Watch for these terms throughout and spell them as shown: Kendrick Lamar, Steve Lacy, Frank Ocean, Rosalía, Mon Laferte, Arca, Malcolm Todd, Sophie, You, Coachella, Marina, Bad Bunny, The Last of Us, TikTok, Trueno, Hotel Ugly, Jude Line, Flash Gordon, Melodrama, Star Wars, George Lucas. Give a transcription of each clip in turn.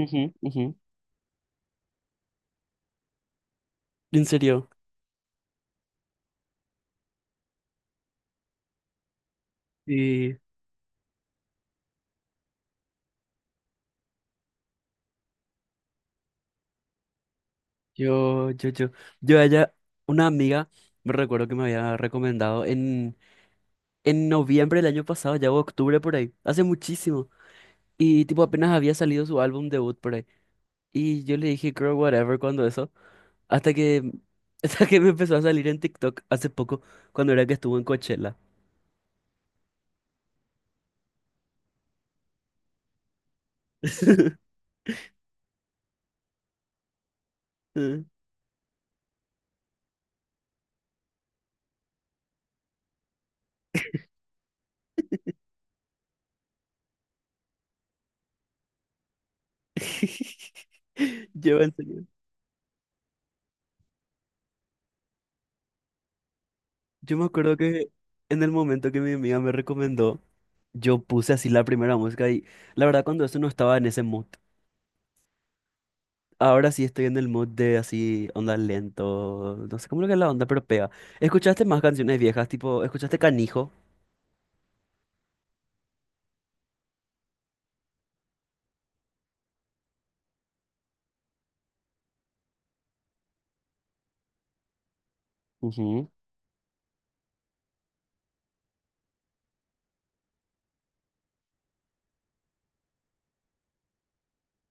Ujú, ujú. En serio. Y yo, yo, yo, yo a una amiga, me recuerdo que me había recomendado en noviembre del año pasado, ya o octubre por ahí, hace muchísimo. Y tipo apenas había salido su álbum debut por ahí. Y yo le dije, girl, whatever, cuando eso. Hasta que, hasta que me empezó a salir en TikTok hace poco, cuando era que estuvo en Coachella. Yo, en serio, yo me acuerdo que en el momento que mi amiga me recomendó. Yo puse así la primera música y la verdad cuando eso no estaba en ese mood. Ahora sí estoy en el mood de así onda lento, no sé cómo lo que es la onda, pero pega. ¿Escuchaste más canciones viejas? Tipo, ¿escuchaste Canijo? Ujú.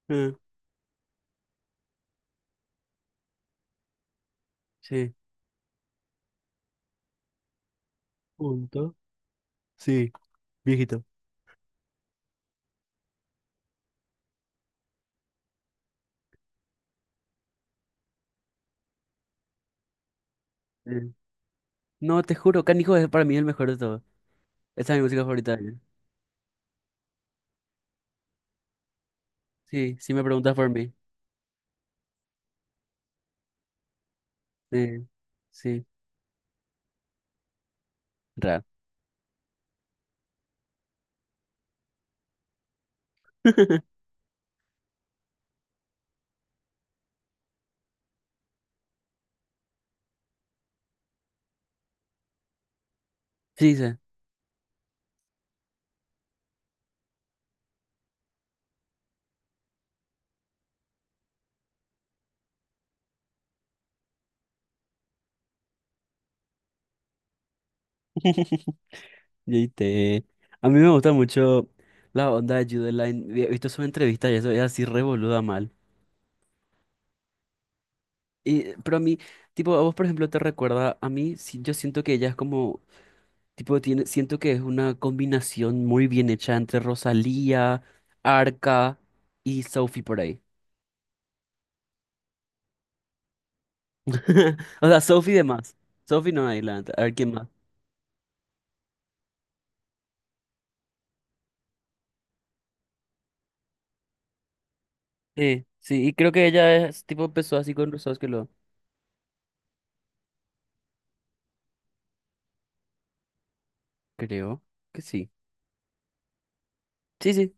Eh, sí. Punto. Sí, viejito. Sí. No, te juro, Canijo es para mí el mejor de todo. Esa es mi música favorita de él. Sí, si me preguntas por mí. Sí, sí. Ra. Sí, sé. YT. A mí me gusta mucho la onda de Jude Line. He visto sus entrevistas y eso es así revoluda mal. Y, pero a mí, tipo, a vos, por ejemplo, te recuerda, a mí sí, yo siento que ella es como, tipo, tiene, siento que es una combinación muy bien hecha entre Rosalía, Arca y Sophie por ahí. O sea, Sophie de más. Sophie no hay, la, a ver quién más. Sí, sí, y creo que ella es, tipo, empezó así con Rosos que lo... Creo que sí. Sí, sí.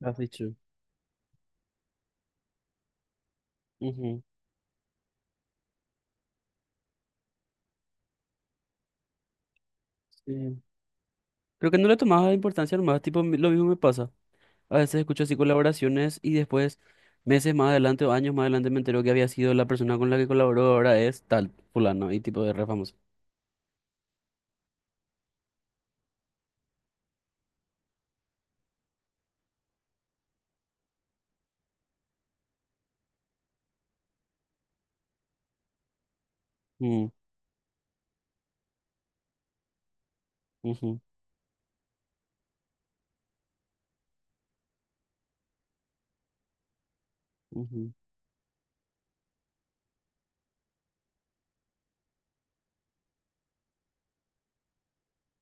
Has dicho. Ujú. Sí. Creo que no le tomaba importancia nomás, tipo, mi- lo mismo me pasa. A veces escucho así colaboraciones y después, meses más adelante o años más adelante, me entero que había sido la persona con la que colaboró, ahora es tal, fulano, y tipo de re famoso. Mm, ujú, ujú.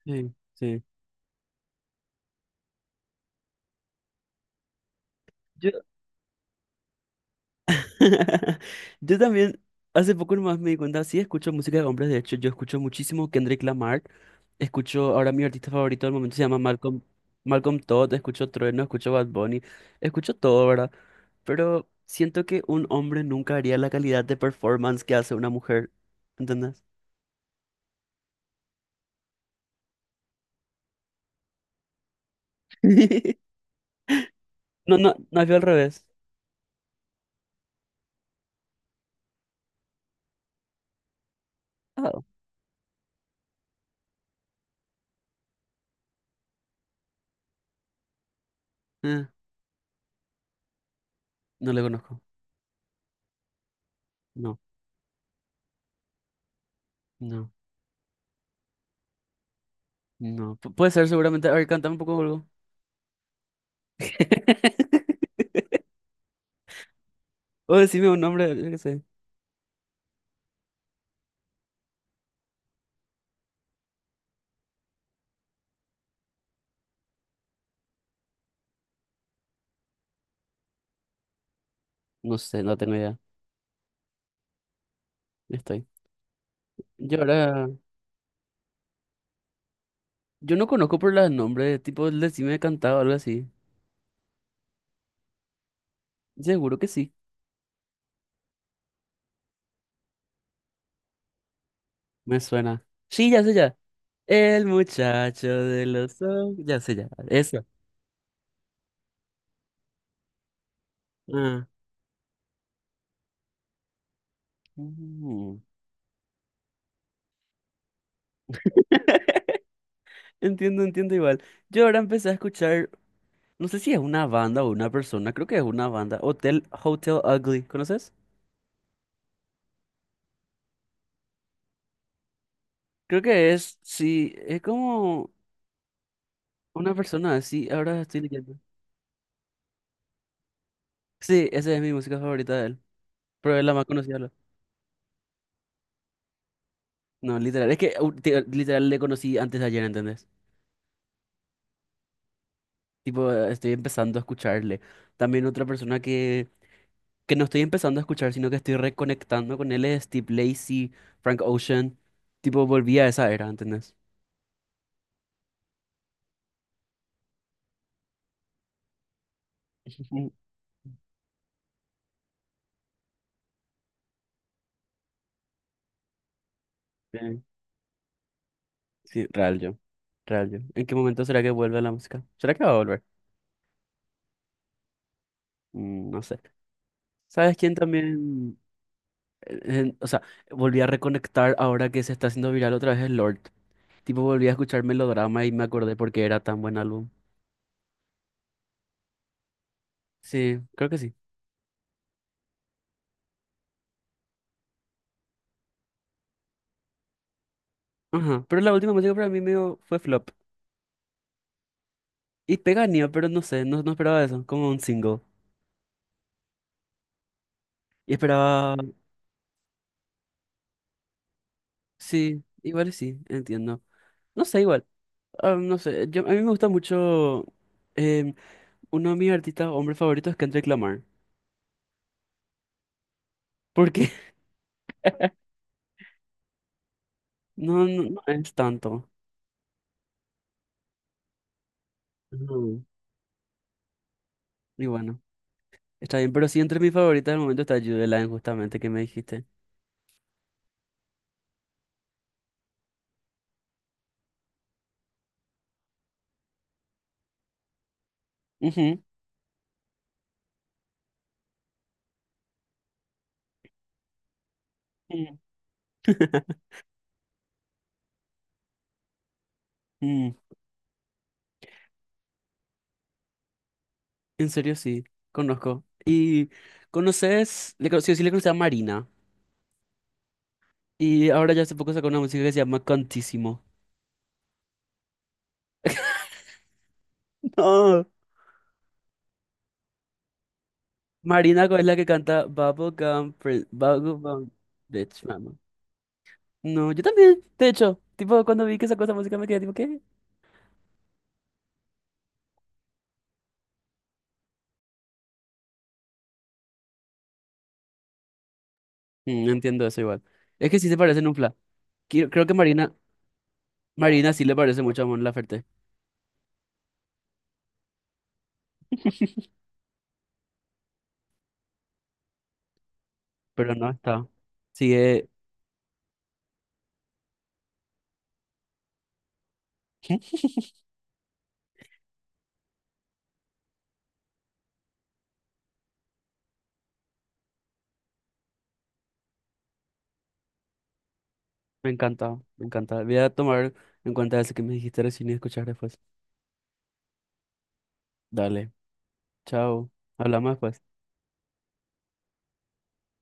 Sí, sí. Yo, yo también, hace poco nomás me di cuenta, sí escucho música de hombres, de hecho, yo escucho muchísimo Kendrick Lamar. Escucho ahora mi artista favorito del momento se llama Malcolm, Malcolm Todd, escucho Trueno, escucho Bad Bunny, escucho todo, ¿verdad? Pero siento que un hombre nunca haría la calidad de performance que hace una mujer, ¿entendés? No, no, no vio al revés. Ah, eh, no le conozco. No, no, no. Pu- puede ser seguramente. A ver, cántame un poco algo. O decime un nombre, yo qué sé. No sé, no tengo idea. Estoy. Yo ahora. Yo no conozco por los nombres, tipo, el decime cantado o algo así. Seguro que sí, me suena. Sí, ya sé ya. El muchacho de los ojos. Ya sé ya. Vale, eso. Ah. Mm. Entiendo, entiendo igual. Yo ahora empecé a escuchar, no sé si es una banda o una persona, creo que es una banda, Hotel, Hotel Ugly, ¿conoces? Creo que es, sí, es como una persona, sí ahora estoy leyendo. Sí, esa es mi música favorita de él, pero es la más conocida. La- No, literal, es que te- literal le conocí antes de ayer, ¿entendés? Tipo, estoy empezando a escucharle. También otra persona que no estoy empezando a escuchar, sino que estoy reconectando con él es Steve Lacy, Frank Ocean. Tipo, volví a esa era, ¿entendés? Mm. Sí, Sí, real yo, real yo. ¿En qué momento será que vuelve la música? ¿Será que va a volver? Mm, no sé. ¿Sabes quién también? O sea, volví a reconectar ahora que se está haciendo viral otra vez el Lord. Tipo, volví a escuchar Melodrama y me acordé por qué era tan buen álbum. Sí, creo que sí. Ajá. Pero la última música para mí medio fue flop. Y peganía, pero no sé, no, no esperaba eso, como un single. Y esperaba, sí, igual y sí, entiendo. No sé, igual, ah, no sé, yo, a mí me gusta mucho, em, uno de mis artistas, hombres favoritos es Kendrick Lamar, porque no, no, no es tanto. No. Y bueno, está bien, pero sí entre mis favoritas del momento está Judy Line, justamente, que me dijiste. Ujú, mm. Mm. En serio, sí, conozco. ¿Y conoces, le, cono- sí, sí le conocí a Marina? Y ahora ya hace poco sacó una música que se llama Cantísimo. No. Marina es la que canta Bubblegum Prin- Bubblegum Bitch, Mama. No, yo también, de hecho, tipo, cuando vi que sacó esa música me quedé tipo, ¿qué? Mm, no entiendo eso igual. Es que sí se parecen un fla. Qui- Creo que Marina, Marina sí le parece mucho a Mon Laferte, pero no está. Sigue, me encanta, me encanta. Voy a tomar en cuenta eso que me dijiste recién y escuchar después. Dale, chao. Hablamos después.